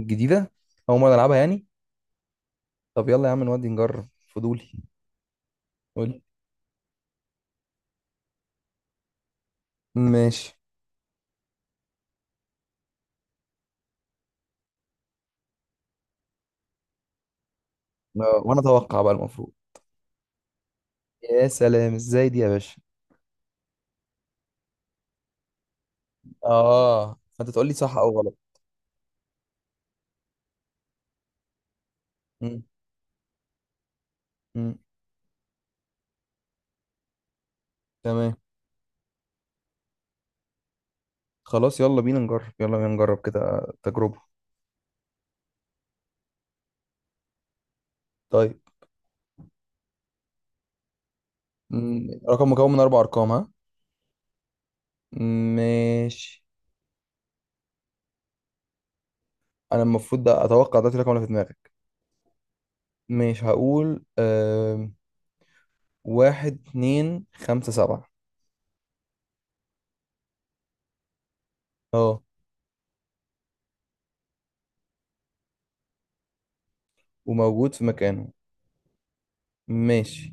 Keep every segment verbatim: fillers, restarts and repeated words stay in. جديدة. أول مرة ألعبها يعني. طب يلا يا عم، نودي نجرب. فضولي. قول. ماشي. آه، وأنا أتوقع بقى المفروض. يا سلام، إزاي دي يا باشا؟ آه، فأنت تقول لي صح أو غلط. مم. مم. تمام. خلاص يلا بينا نجرب، يلا بينا نجرب كده تجربة. طيب. مم. رقم مكون من أربع أرقام، ها؟ ماشي. أنا المفروض ده أتوقع دلوقتي الرقم اللي في دماغك. مش هقول آه... واحد اتنين خمسة سبعة. اه. وموجود في مكانه. ماشي.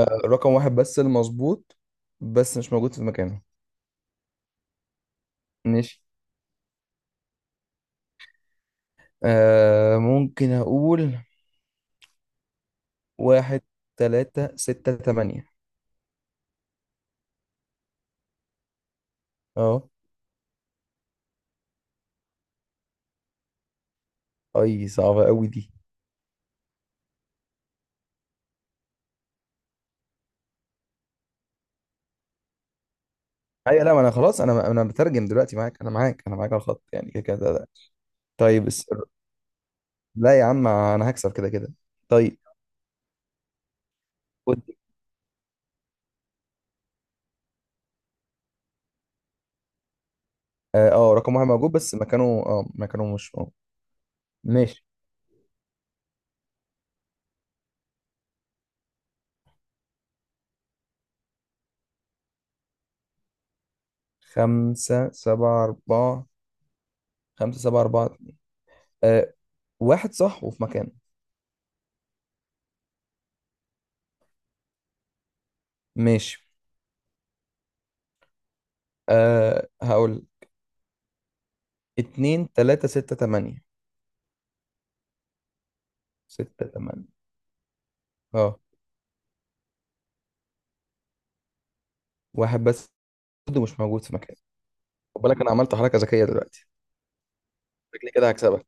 آه، رقم واحد بس المظبوط، بس مش موجود في مكانه. ماشي. آه، ممكن أقول واحد تلاتة ستة تمانية. اه. أي صعبة أوي دي. أيوة لا، ما أنا خلاص، أنا أنا بترجم دلوقتي معاك، أنا معاك أنا معاك على الخط، يعني كده كده ده- ده. طيب بس. لا يا عم، أنا هكسب كده كده. طيب. خد. اه، آه، رقم واحد موجود، بس مكانه اه مكانه مش اه. ماشي. خمسة سبعة أربعة، خمسة سبعة أربعة، آه، واحد صح وفي مكانه. ماشي. آه، هقول اتنين تلاتة ستة تمانية. ستة تمانية. اه. واحد بس، برضه مش موجود في مكانه. خد بالك انا عملت حركة ذكية دلوقتي، شكلي كده هكسبك.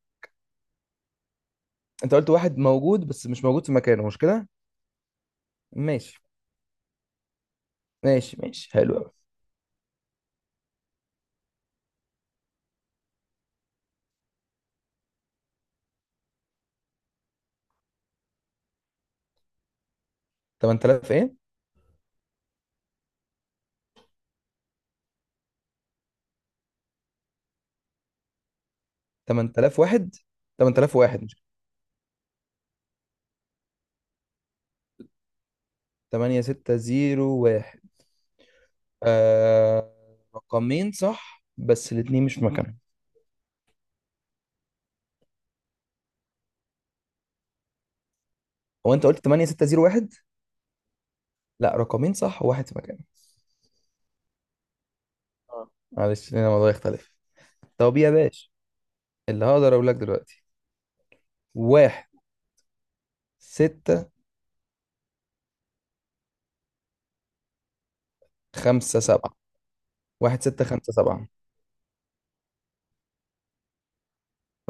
انت قلت واحد موجود بس مش موجود في مكانه، مش كده؟ ماشي. ماشي ماشي، حلو قوي. تمن تلاف ايه؟ تمن تلاف وواحد. تمن تلاف وواحد مش تمانية ستة زيرو واحد. آه... رقمين صح بس الاتنين مش في مكانهم. هو انت قلت تمانية ستة زيرو واحد؟ لا، رقمين صح وواحد في مكانه. آه. معلش، هنا الموضوع يختلف. طب يا باشا، اللي هقدر اقول لك دلوقتي، واحد ستة خمسة سبعة. واحد ستة خمسة سبعة،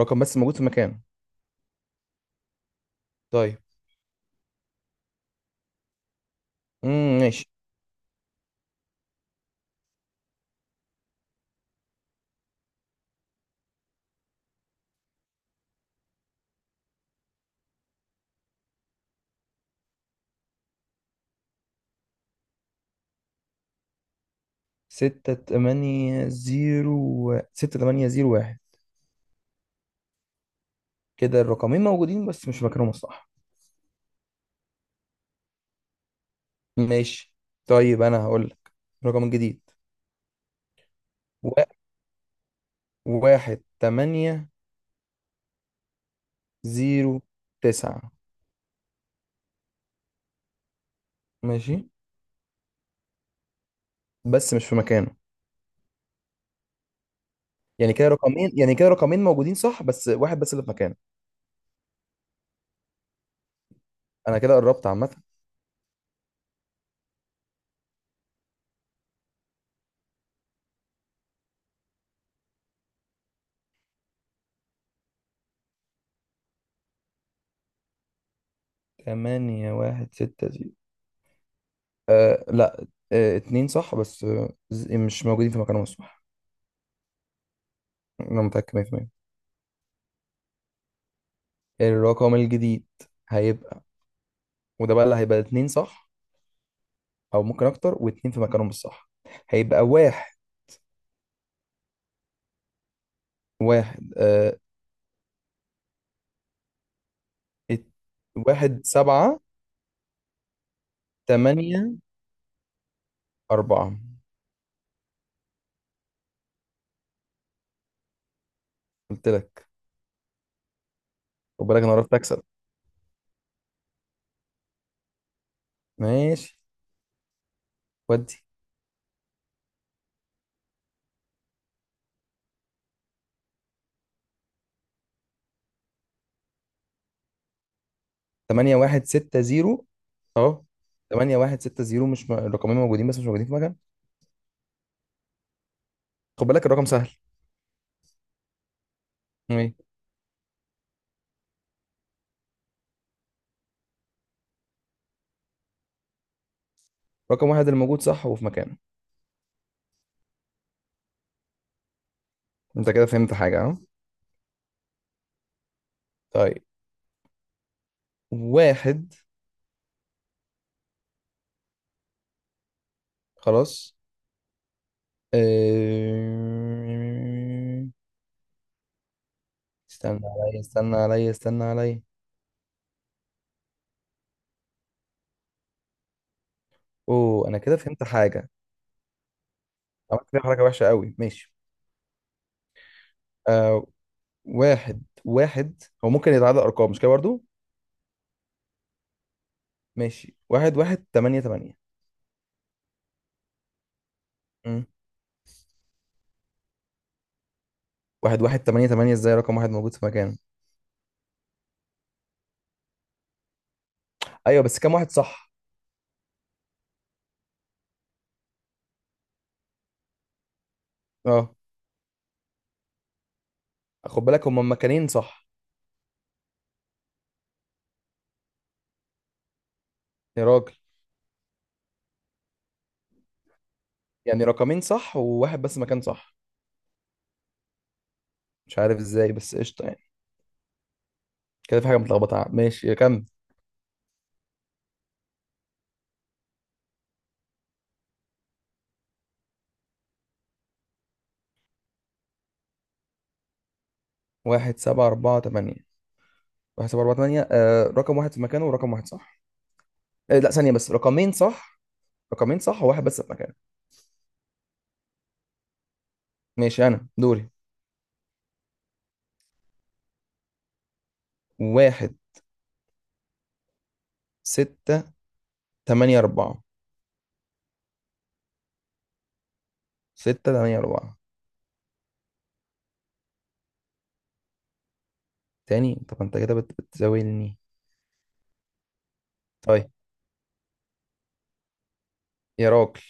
رقم بس موجود في مكانه. طيب. امم، ماشي. ستة تمانية زيرو، ستة تمانية زيرو واحد. كده الرقمين موجودين بس مش في مكانهم الصح. ماشي. طيب أنا هقول لك الرقم الجديد. و... واحد تمانية زيرو تسعة. ماشي، بس مش في مكانه. يعني كده رقمين، يعني كده رقمين موجودين صح بس واحد بس اللي في مكانه. أنا كده قربت عامة. تمانية واحد ستة زيرو. آه لا، آه اتنين صح بس آه ز- مش موجودين في مكانهم الصح. انا متأكد مية في المية. الرقم الجديد هيبقى، وده بقى اللي هيبقى اتنين صح، او ممكن اكتر، واتنين في مكانهم الصح. هيبقى واحد، واحد آه، ات- واحد سبعة تمانية أربعة. قلت لك. خد بالك انا عرفت اكسب. ماشي ودي. تمانية واحد ستة زيرو، اهو. تمانية واحد ستة زيرو مش م... الرقمين موجودين بس مش موجودين في مكان. خد بالك الرقم سهل. ايه. رقم واحد اللي موجود صح وفي مكانه. انت كده فهمت حاجة، ها؟ طيب. واحد. خلاص. آه، استنى عليا استنى عليا استنى عليا. اوه انا كده فهمت حاجة. عملت فيها حركة وحشة قوي. ماشي. آه، واحد واحد هو ممكن يتعادل ارقام، مش كده برضو؟ ماشي. واحد واحد تمانية تمانية. مم. واحد واحد تمانية تمانية، ازاي رقم واحد موجود في مكانه؟ ايوه بس كام واحد صح؟ اه. خد بالك هما مكانين صح. يا راجل. يعني رقمين صح وواحد بس مكان صح. مش عارف ازاي، بس قشطة يعني. كده في حاجة متلخبطة، ماشي كم. واحد سبعة أربعة تمانية، واحد سبعة أربعة تمانية، آه، رقم واحد في مكانه ورقم واحد صح. آه لا، ثانية بس، رقمين صح. رقمين صح وواحد بس في مكانه. ماشي، أنا دوري. واحد ستة تمانية أربعة. ستة تمانية أربعة. تاني؟ طب أنت كده بت- بتزاولني. طيب. يا راجل.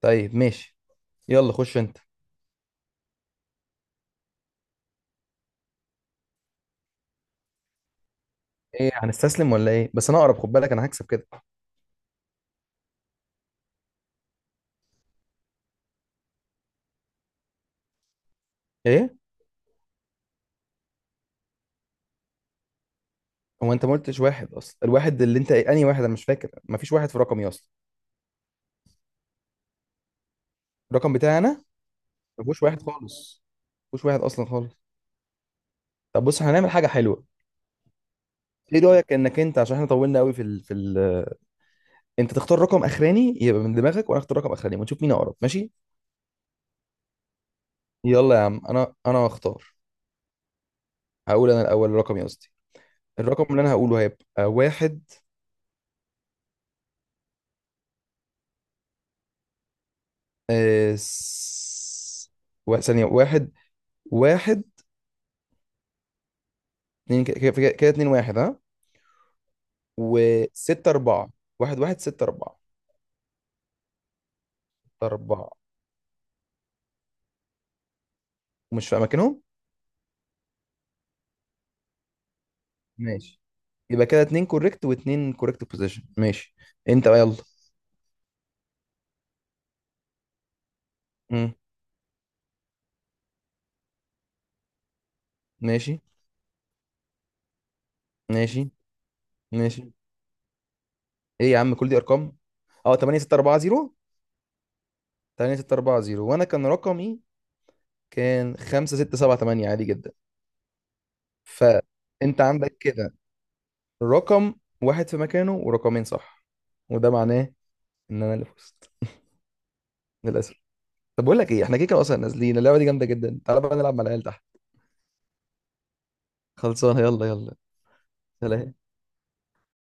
طيب ماشي. يلا خش أنت. إيه هنستسلم ولا إيه؟ بس أنا أقرب، خد بالك أنا هكسب كده. إيه؟ هو أنت ما قلتش واحد أصلا. الواحد اللي أنت أنهي واحد؟ أنا مش فاكر، مفيش واحد في رقمي أصلا. الرقم بتاعي أنا مفيهوش واحد خالص. مفيش واحد اصلا خالص. طب بص، احنا هنعمل حاجه حلوه. ايه رايك انك انت، عشان احنا طولنا قوي في ال... في ال... انت تختار رقم اخراني يبقى من دماغك، وانا اختار رقم اخراني، ونشوف مين اقرب، ماشي؟ يلا يا عم، انا انا هختار. هقول انا الاول الرقم، يا قصدي، الرقم اللي انا هقوله هيبقى واحد. آه... س... و- ثانيه واحد. واحد اتنين، ك- ك- كده كده اتنين واحد، ها. وستة أربعة. واحد واحد ستة أربعة. ستة أربعة، مش في أماكنهم. ماشي. يبقى كده اتنين كوريكت واتنين كوريكت بوزيشن. ماشي. انت بقى يلا. ماشي. ماشي. ماشي. ايه يا عم، كل دي ارقام. اه، تمانية ستة أربعة زيرو. تمانية ستة أربعة صفر، وانا كان رقمي كان خمسة ستة سبعة تمانية عادي جدا. فانت عندك كده رقم واحد في مكانه، ورقمين صح، وده معناه ان انا اللي فزت. للاسف. طب بقول لك ايه، احنا كده كده اصلا نازلين، اللعبه دي جامده جدا، تعالى بقى نلعب مع العيال تحت. خلصانه، يلا يلا. سلام.